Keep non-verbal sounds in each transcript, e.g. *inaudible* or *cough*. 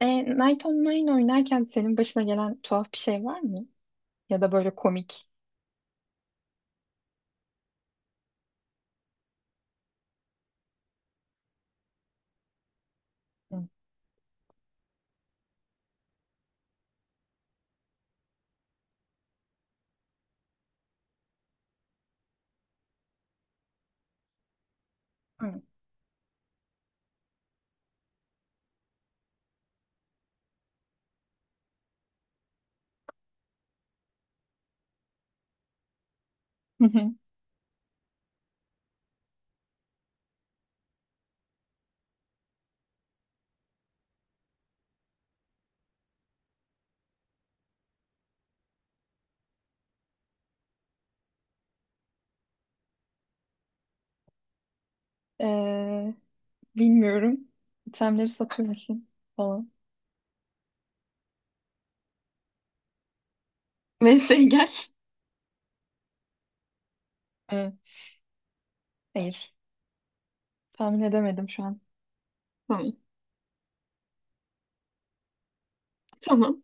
E, Night Online oynarken senin başına gelen tuhaf bir şey var mı? Ya da böyle komik. Hı. Hı. Hı hı. E, bilmiyorum. İtemleri satıyor musun falan. *laughs* Vs gel. Hı. Hayır. Tahmin edemedim şu an. Tamam. Tamam.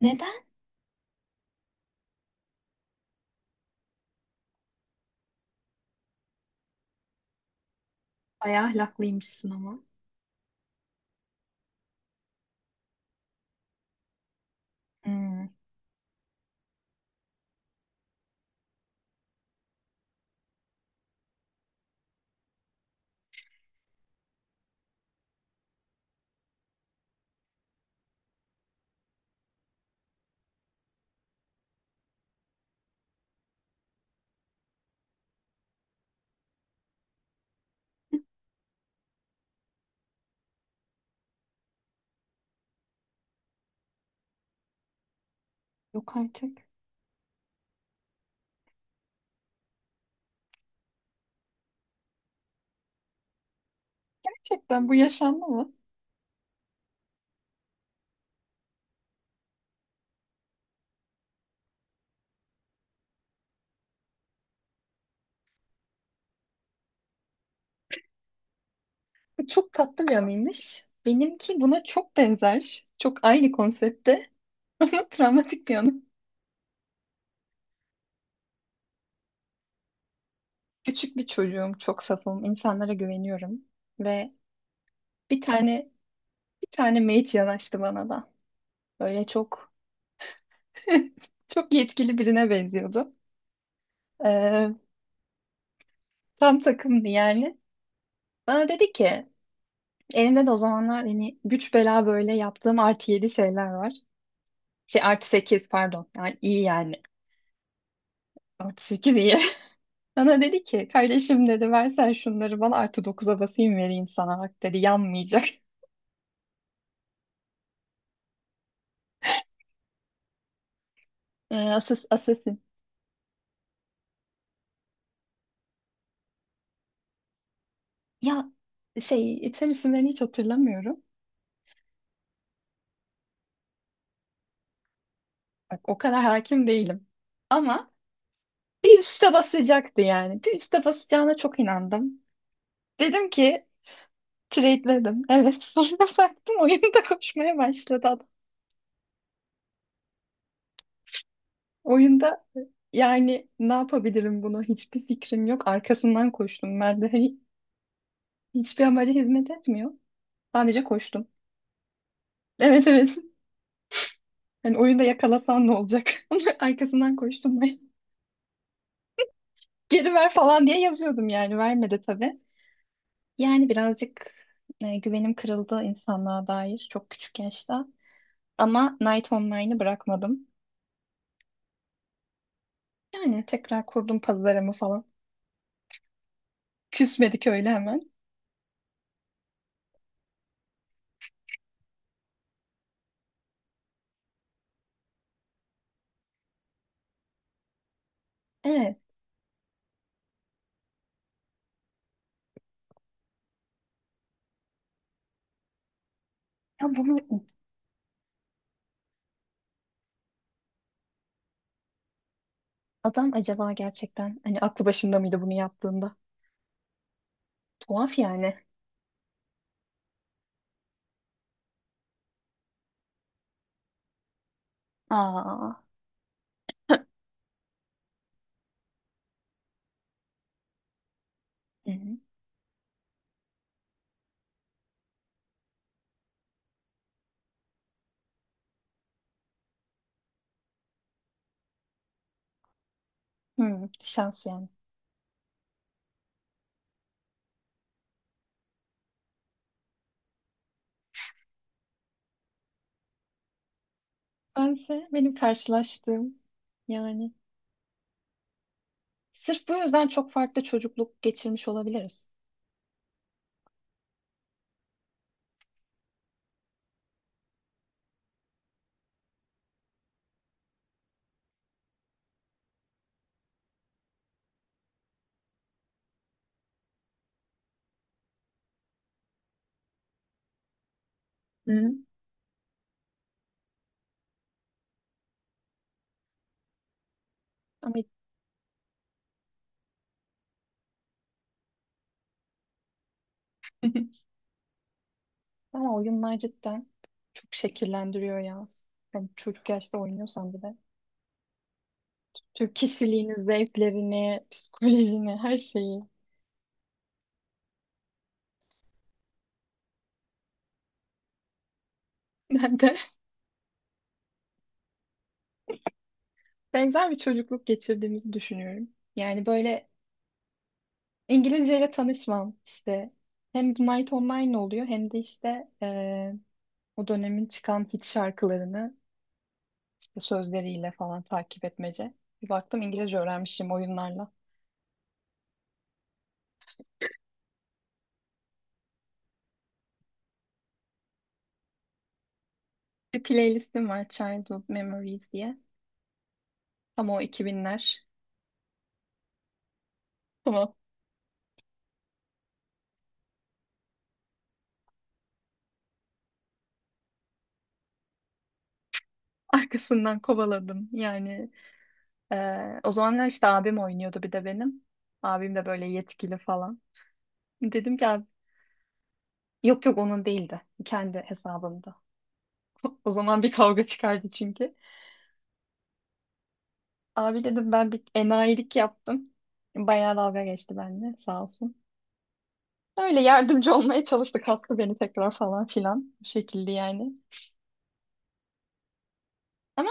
Neden? Bayağı ahlaklıymışsın ama. Hmm. Yok artık. Gerçekten bu yaşandı mı? Bu çok tatlı bir anıymış. Benimki buna çok benzer. Çok aynı konsepte *laughs* ama travmatik bir anı. Küçük bir çocuğum, çok safım, insanlara güveniyorum ve bir tane bir tane mage yanaştı bana da. Böyle çok *laughs* çok yetkili birine benziyordu. Ee, tam takımdı yani. Bana dedi ki, elimde de o zamanlar hani güç bela böyle yaptığım artı 7 şeyler var. Şey artı 8 pardon. Yani iyi yani. Artı 8 iyi. *laughs* Bana dedi ki, kardeşim dedi versen şunları bana artı 9'a basayım vereyim sana. Bak dedi yanmayacak. *laughs* Asas, ya şey item isimlerini hiç hatırlamıyorum. Bak o kadar hakim değilim. Ama bir üste basacaktı yani. Bir üste basacağına çok inandım. Dedim ki trade'ledim. Evet *laughs* sonra baktım oyunda koşmaya başladı adam. Oyunda yani ne yapabilirim bunu hiçbir fikrim yok. Arkasından koştum. Ben de hani hiçbir amaca hizmet etmiyor. Sadece koştum. *laughs* Evet evet. Hani oyunda yakalasan ne olacak? *laughs* Arkasından koştum ben. Geri ver falan diye yazıyordum yani vermedi tabii. Yani birazcık güvenim kırıldı insanlığa dair çok küçük yaşta. Ama Night Online'ı bırakmadım. Yani tekrar kurdum pazarımı falan. Küsmedik öyle hemen. Evet. Ya bunu adam acaba gerçekten hani aklı başında mıydı bunu yaptığında? Tuhaf yani. Aa. Hı hı. Hı, şans yani. Bense benim karşılaştığım yani. Sırf bu yüzden çok farklı çocukluk geçirmiş olabiliriz. Hı hı. Ama, *laughs* Ama oyunlar cidden çok şekillendiriyor ya. Yani çocuk yaşta oynuyorsan bir de. Türk kişiliğini, zevklerini, psikolojini, her şeyi. Ben de *laughs* benzer bir çocukluk geçirdiğimizi düşünüyorum. Yani böyle İngilizceyle tanışmam işte. Hem Night Online oluyor hem de işte o dönemin çıkan hit şarkılarını işte sözleriyle falan takip etmece. Bir baktım İngilizce öğrenmişim oyunlarla. Bir playlistim var Childhood Memories diye. Tam o 2000'ler. Tamam. Arkasından kovaladım. Yani o zamanlar işte abim oynuyordu bir de benim. Abim de böyle yetkili falan. Dedim ki abi, yok yok onun değildi. Kendi hesabımda. *laughs* O zaman bir kavga çıkardı çünkü. Abi dedim ben bir enayilik yaptım. Bayağı dalga geçti bende sağ olsun. Öyle yardımcı olmaya çalıştık hasta beni tekrar falan filan. Bu şekilde yani. Ama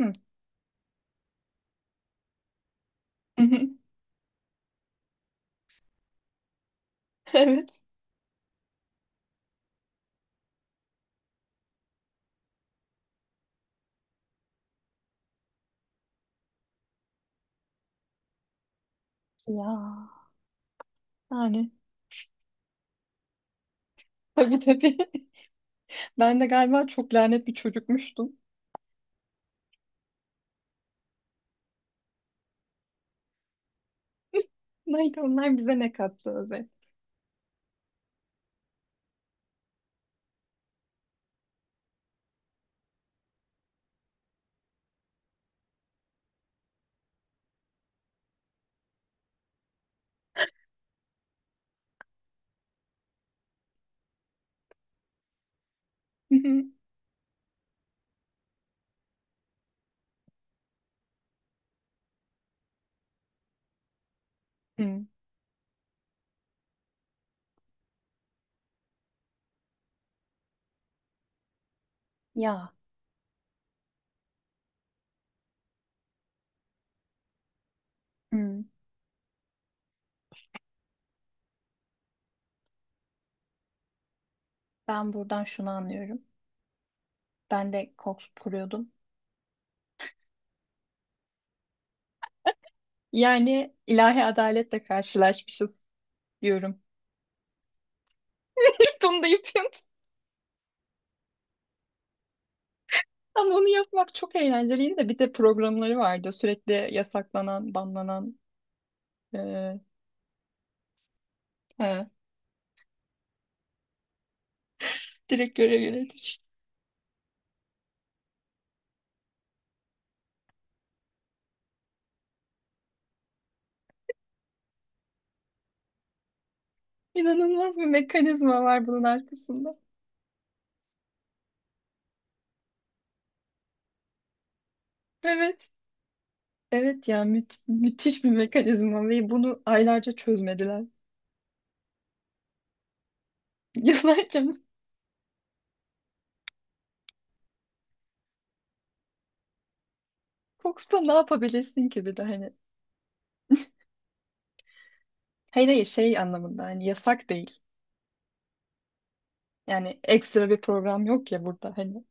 hı. *laughs* Evet. Ya yani tabii tabii. *laughs* Ben de galiba çok lanet bir çocukmuştum. Neydi onlar bize ne kattı özel. *laughs* Hı. Ya hı. Ben buradan şunu anlıyorum. Ben de koks kuruyordum. Yani ilahi adaletle karşılaşmışız diyorum. *laughs* Bunu da yapıyorum. Ama onu yapmak çok eğlenceliydi de bir de programları vardı. Sürekli yasaklanan, banlanan, eee ha, direkt görev yönetici. İnanılmaz bir mekanizma var bunun arkasında. Evet. Evet ya müthiş bir mekanizma ve bunu aylarca çözmediler. *laughs* Yıllarca mı? Fox'ta ne yapabilirsin ki bir de hani. Hayır hayır şey anlamında hani yasak değil. Yani ekstra bir program yok ya burada hani.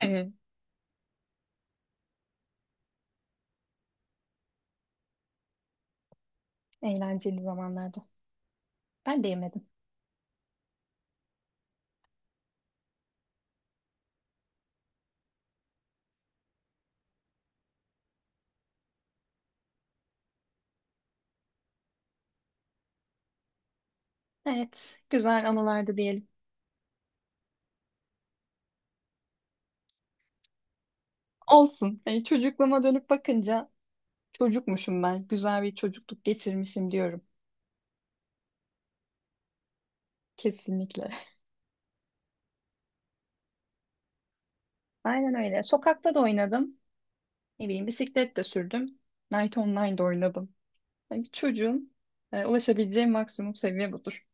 Evet. Eğlenceli zamanlarda. Ben de yemedim. Evet. Güzel anılardı diyelim. Olsun. Yani çocukluğuma dönüp bakınca çocukmuşum ben. Güzel bir çocukluk geçirmişim diyorum. Kesinlikle. *laughs* Aynen öyle. Sokakta da oynadım. Ne bileyim bisiklet de sürdüm. Night Online'da oynadım. Yani bir çocuğun ulaşabileceği maksimum seviye budur.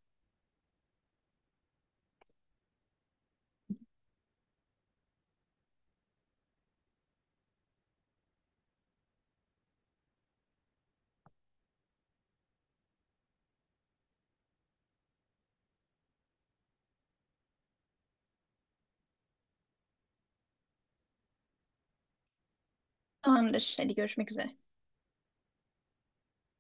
Tamamdır. Hadi görüşmek üzere.